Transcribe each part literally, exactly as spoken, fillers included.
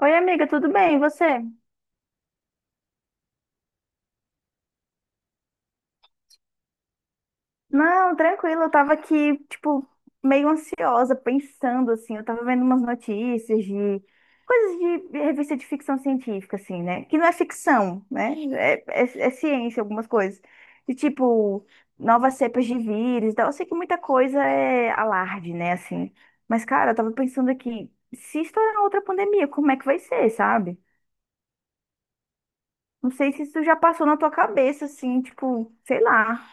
Oi, amiga, tudo bem? E você? Não, tranquilo, eu tava aqui, tipo, meio ansiosa, pensando, assim, eu tava vendo umas notícias de coisas de revista de ficção científica, assim, né? Que não é ficção, né? É, é- é ciência, algumas coisas. De tipo, novas cepas de vírus e tal. Eu sei que muita coisa é alarde, né, assim. Mas, cara, eu tava pensando aqui, se estourar outra pandemia, como é que vai ser, sabe? Não sei se isso já passou na tua cabeça, assim, tipo, sei lá.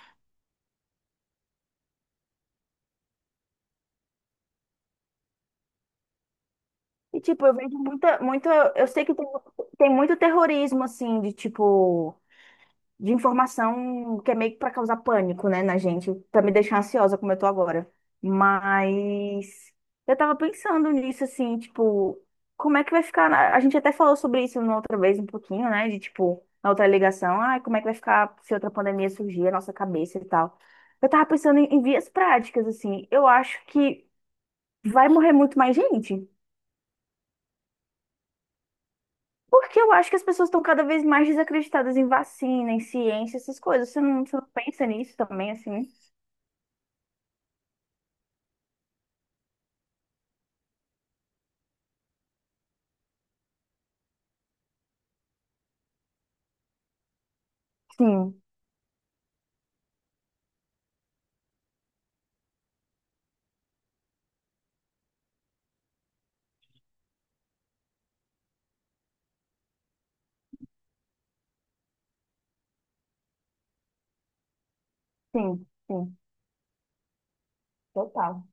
E, tipo, eu vejo muita, muito, eu sei que tem, tem muito terrorismo, assim, de, tipo, de informação que é meio que pra causar pânico, né, na gente, pra me deixar ansiosa como eu tô agora. Mas eu tava pensando nisso, assim, tipo, como é que vai ficar, na- a gente até falou sobre isso na outra vez um pouquinho, né, de, tipo, na outra ligação, ai, como é que vai ficar se outra pandemia surgir, a nossa cabeça e tal. Eu tava pensando em, em vias práticas, assim, eu acho que vai morrer muito mais gente. Porque eu acho que as pessoas estão cada vez mais desacreditadas em vacina, em ciência, essas coisas. Você não, você não pensa nisso também, assim? Sim, sim, sim, total.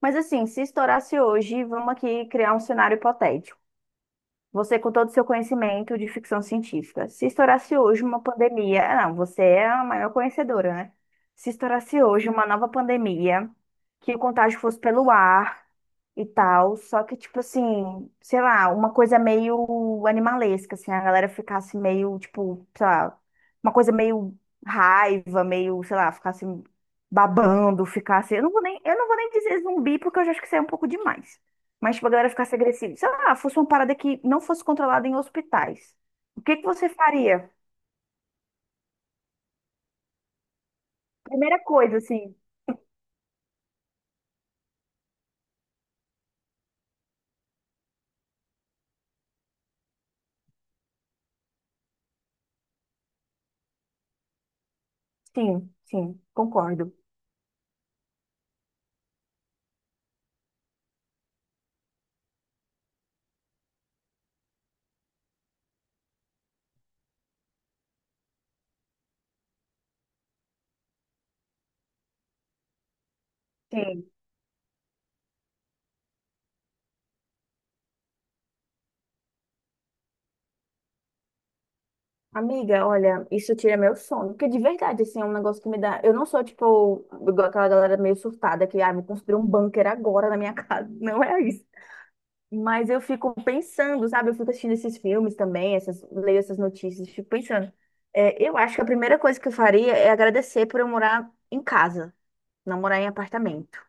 Mas assim, se estourasse hoje, vamos aqui criar um cenário hipotético. Você, com todo o seu conhecimento de ficção científica, se estourasse hoje uma pandemia, ah, não, você é a maior conhecedora, né? Se estourasse hoje uma nova pandemia, que o contágio fosse pelo ar e tal, só que, tipo assim, sei lá, uma coisa meio animalesca, assim, a galera ficasse meio, tipo, sei lá, uma coisa meio raiva, meio, sei lá, ficasse babando, ficasse. Eu não vou nem, eu não vou nem dizer zumbi, porque eu já acho que isso é um pouco demais. Mas, tipo, a galera ficasse agressiva. Sei lá, fosse uma parada que não fosse controlada em hospitais. O que que você faria? Primeira coisa, assim. Sim, sim, concordo. Sim. Amiga, olha, isso tira meu sono. Porque de verdade, assim, é um negócio que me dá. Eu não sou, tipo, igual aquela galera meio surtada que, ah, vou construir um bunker agora na minha casa. Não é isso. Mas eu fico pensando, sabe? Eu fico assistindo esses filmes também, essas leio essas notícias, fico pensando. É, eu acho que a primeira coisa que eu faria é agradecer por eu morar em casa, não morar em apartamento,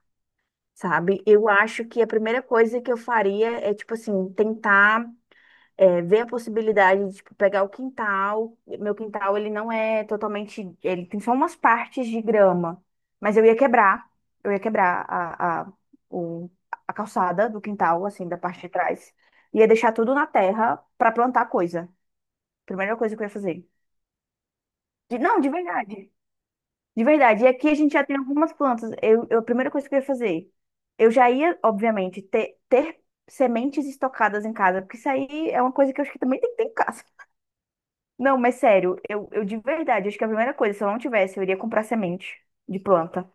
sabe? Eu acho que a primeira coisa que eu faria é, tipo assim, tentar é, ver a possibilidade de, tipo, pegar o quintal. Meu quintal, ele não é totalmente. Ele tem só umas partes de grama, mas eu ia quebrar, eu ia quebrar a, a, o, a calçada do quintal, assim, da parte de trás. Ia deixar tudo na terra pra plantar coisa. Primeira coisa que eu ia fazer. De- não, de verdade. De verdade. E aqui a gente já tem algumas plantas. Eu, eu- a primeira coisa que eu ia fazer, eu já ia, obviamente, ter, ter sementes estocadas em casa, porque isso aí é uma coisa que eu acho que também tem que ter em casa. Não, mas sério, eu, eu de verdade, acho que a primeira coisa, se eu não tivesse, eu iria comprar semente de planta,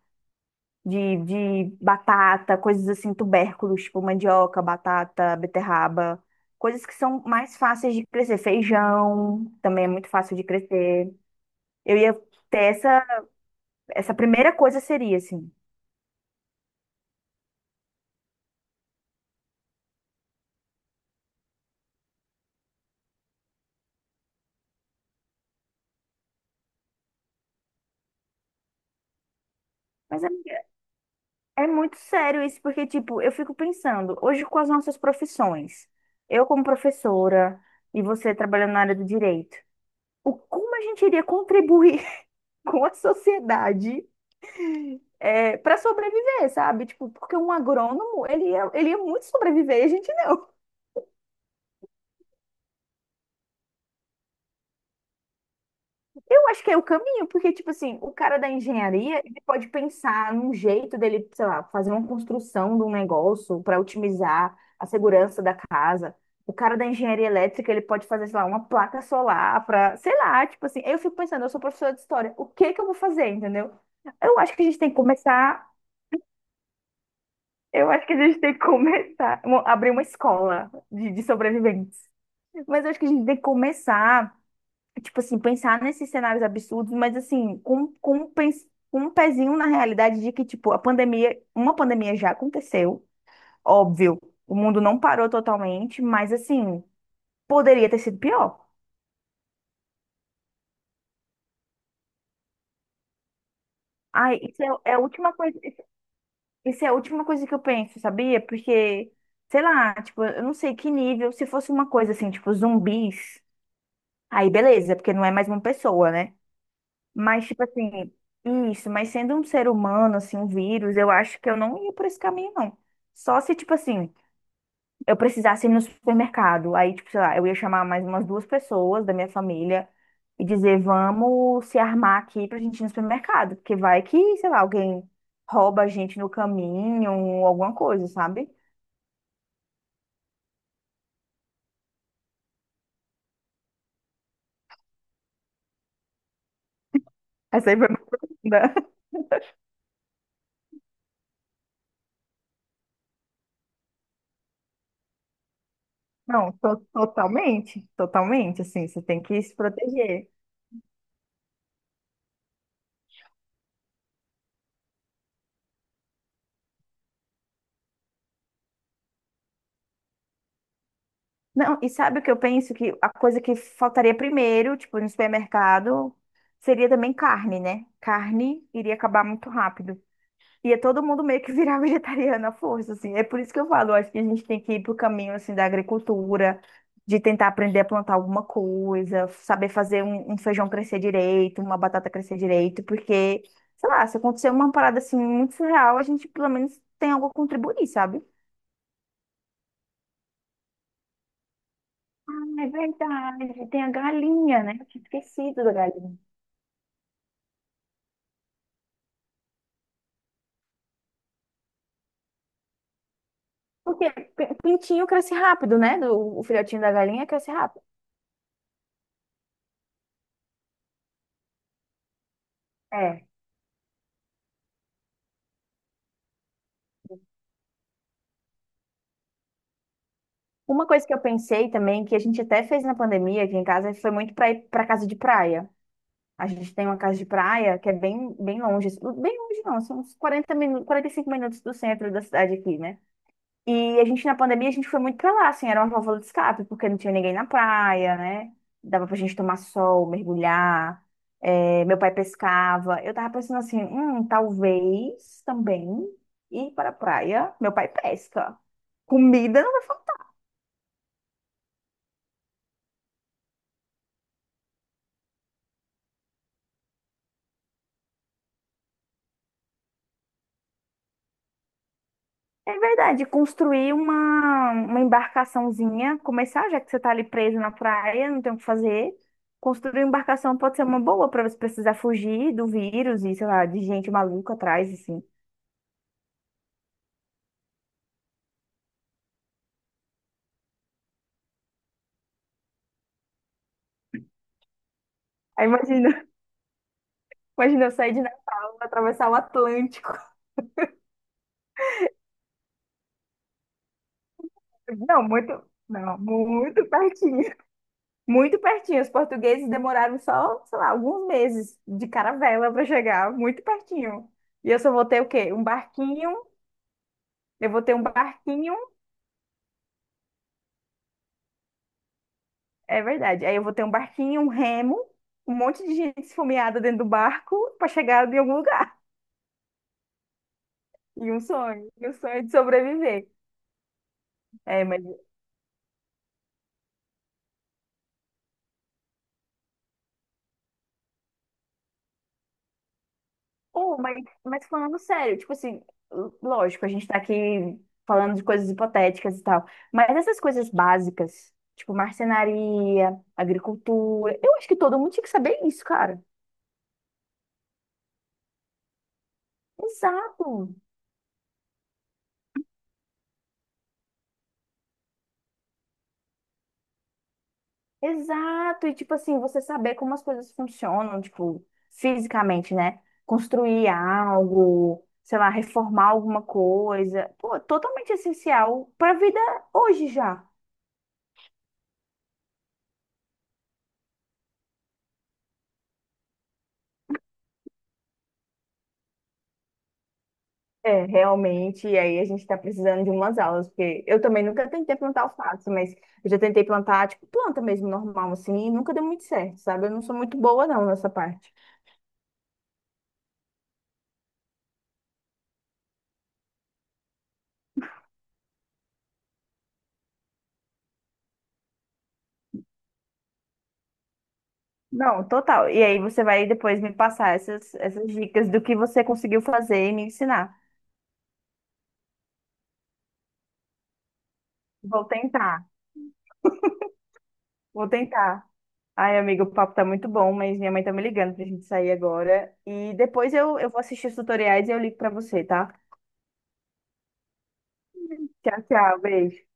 de, de batata, coisas assim, tubérculos, tipo mandioca, batata, beterraba, coisas que são mais fáceis de crescer. Feijão também é muito fácil de crescer. Eu ia ter essa, essa primeira coisa seria assim. Mas é é muito sério isso, porque, tipo, eu fico pensando, hoje com as nossas profissões, eu como professora e você trabalhando na área do direito, o como a gente iria contribuir com a sociedade para sobreviver, sabe? Tipo, porque um agrônomo, ele ia, ele ia muito sobreviver e a gente não. Eu acho que é o caminho, porque, tipo assim, o cara da engenharia, ele pode pensar num jeito dele, sei lá, fazer uma construção de um negócio para otimizar a segurança da casa. O cara da engenharia elétrica, ele pode fazer, sei lá, uma placa solar para, sei lá, tipo assim, eu fico pensando, eu sou professora de história, o que que eu vou fazer, entendeu? Eu acho que a gente tem que começar, eu acho que a gente tem que começar, mo- abrir uma escola de, de sobreviventes. Mas eu acho que a gente tem que começar tipo assim, pensar nesses cenários absurdos, mas assim, com, com, um pens- com um pezinho na realidade de que, tipo, a pandemia, uma pandemia já aconteceu, óbvio, o mundo não parou totalmente, mas assim, poderia ter sido pior. Ai, isso é, é a última coisa, isso é a última coisa que eu penso, sabia? Porque, sei lá, tipo, eu não sei que nível, se fosse uma coisa assim, tipo, zumbis, aí beleza, porque não é mais uma pessoa, né? Mas, tipo assim, isso, mas sendo um ser humano, assim, um vírus, eu acho que eu não ia por esse caminho, não. Só se, tipo assim, eu precisasse ir no supermercado. Aí, tipo, sei lá, eu ia chamar mais umas duas pessoas da minha família e dizer, vamos se armar aqui pra gente ir no supermercado. Porque vai que, sei lá, alguém rouba a gente no caminho ou alguma coisa, sabe? Essa aí foi muito profunda. Não, to- totalmente, totalmente, assim, você tem que se proteger. Não, e sabe o que eu penso? Que a coisa que faltaria primeiro, tipo, no supermercado, seria também carne, né? Carne iria acabar muito rápido. Ia todo mundo meio que virar vegetariano à força, assim. É por isso que eu falo, eu acho que a gente tem que ir pro caminho, assim, da agricultura, de tentar aprender a plantar alguma coisa, saber fazer um, um feijão crescer direito, uma batata crescer direito, porque, sei lá, se acontecer uma parada, assim, muito surreal, a gente pelo menos tem algo a contribuir, sabe? É verdade, tem a galinha, né? Eu tinha esquecido da galinha. Porque p- pintinho cresce rápido, né? Do- o filhotinho da galinha cresce rápido. É. Uma coisa que eu pensei também, que a gente até fez na pandemia aqui em casa, foi muito para ir para casa de praia. A gente tem uma casa de praia que é bem, bem longe, bem longe não, são uns quarenta minutos, quarenta e cinco minutos do centro da cidade aqui, né? E a gente, na pandemia, a gente foi muito pra lá, assim, era uma válvula de escape, porque não tinha ninguém na praia, né? Dava pra gente tomar sol, mergulhar, é, meu pai pescava. Eu tava pensando assim, hum, talvez também ir para a praia, meu pai pesca. Comida não vai faltar. É verdade, construir uma, uma embarcaçãozinha, começar, já que você tá ali preso na praia, não tem o que fazer. Construir uma embarcação pode ser uma boa pra você precisar fugir do vírus e, sei lá, de gente maluca atrás, assim. Aí imagina. Imagina eu sair de Natal, atravessar o Atlântico. Não, muito, não, muito pertinho. Muito pertinho. Os portugueses demoraram só, sei lá, alguns meses de caravela para chegar, muito pertinho. E eu só vou ter o quê? Um barquinho. Eu vou ter um barquinho, é verdade. Aí eu vou ter um barquinho, um remo, um monte de gente esfomeada dentro do barco para chegar em algum lugar. E um sonho, e um sonho de sobreviver. É, mas Oh, mas, mas falando sério, tipo assim, l- lógico, a gente tá aqui falando de coisas hipotéticas e tal, mas essas coisas básicas, tipo marcenaria, agricultura, eu acho que todo mundo tinha que saber isso, cara. Exato, exato. E tipo assim, você saber como as coisas funcionam, tipo, fisicamente, né? Construir algo, sei lá, reformar alguma coisa. Pô, totalmente essencial pra vida hoje já. É, realmente, e aí a gente está precisando de umas aulas, porque eu também nunca tentei plantar alface, mas eu já tentei plantar, tipo, planta mesmo, normal, assim, e nunca deu muito certo, sabe? Eu não sou muito boa, não, nessa parte. Não, total. E aí você vai depois me passar essas, essas dicas do que você conseguiu fazer e me ensinar. Vou tentar, vou tentar. Ai, amigo, o papo tá muito bom, mas minha mãe tá me ligando pra gente sair agora. E depois eu, eu vou assistir os tutoriais e eu ligo pra você, tá? Tchau, tchau, beijo.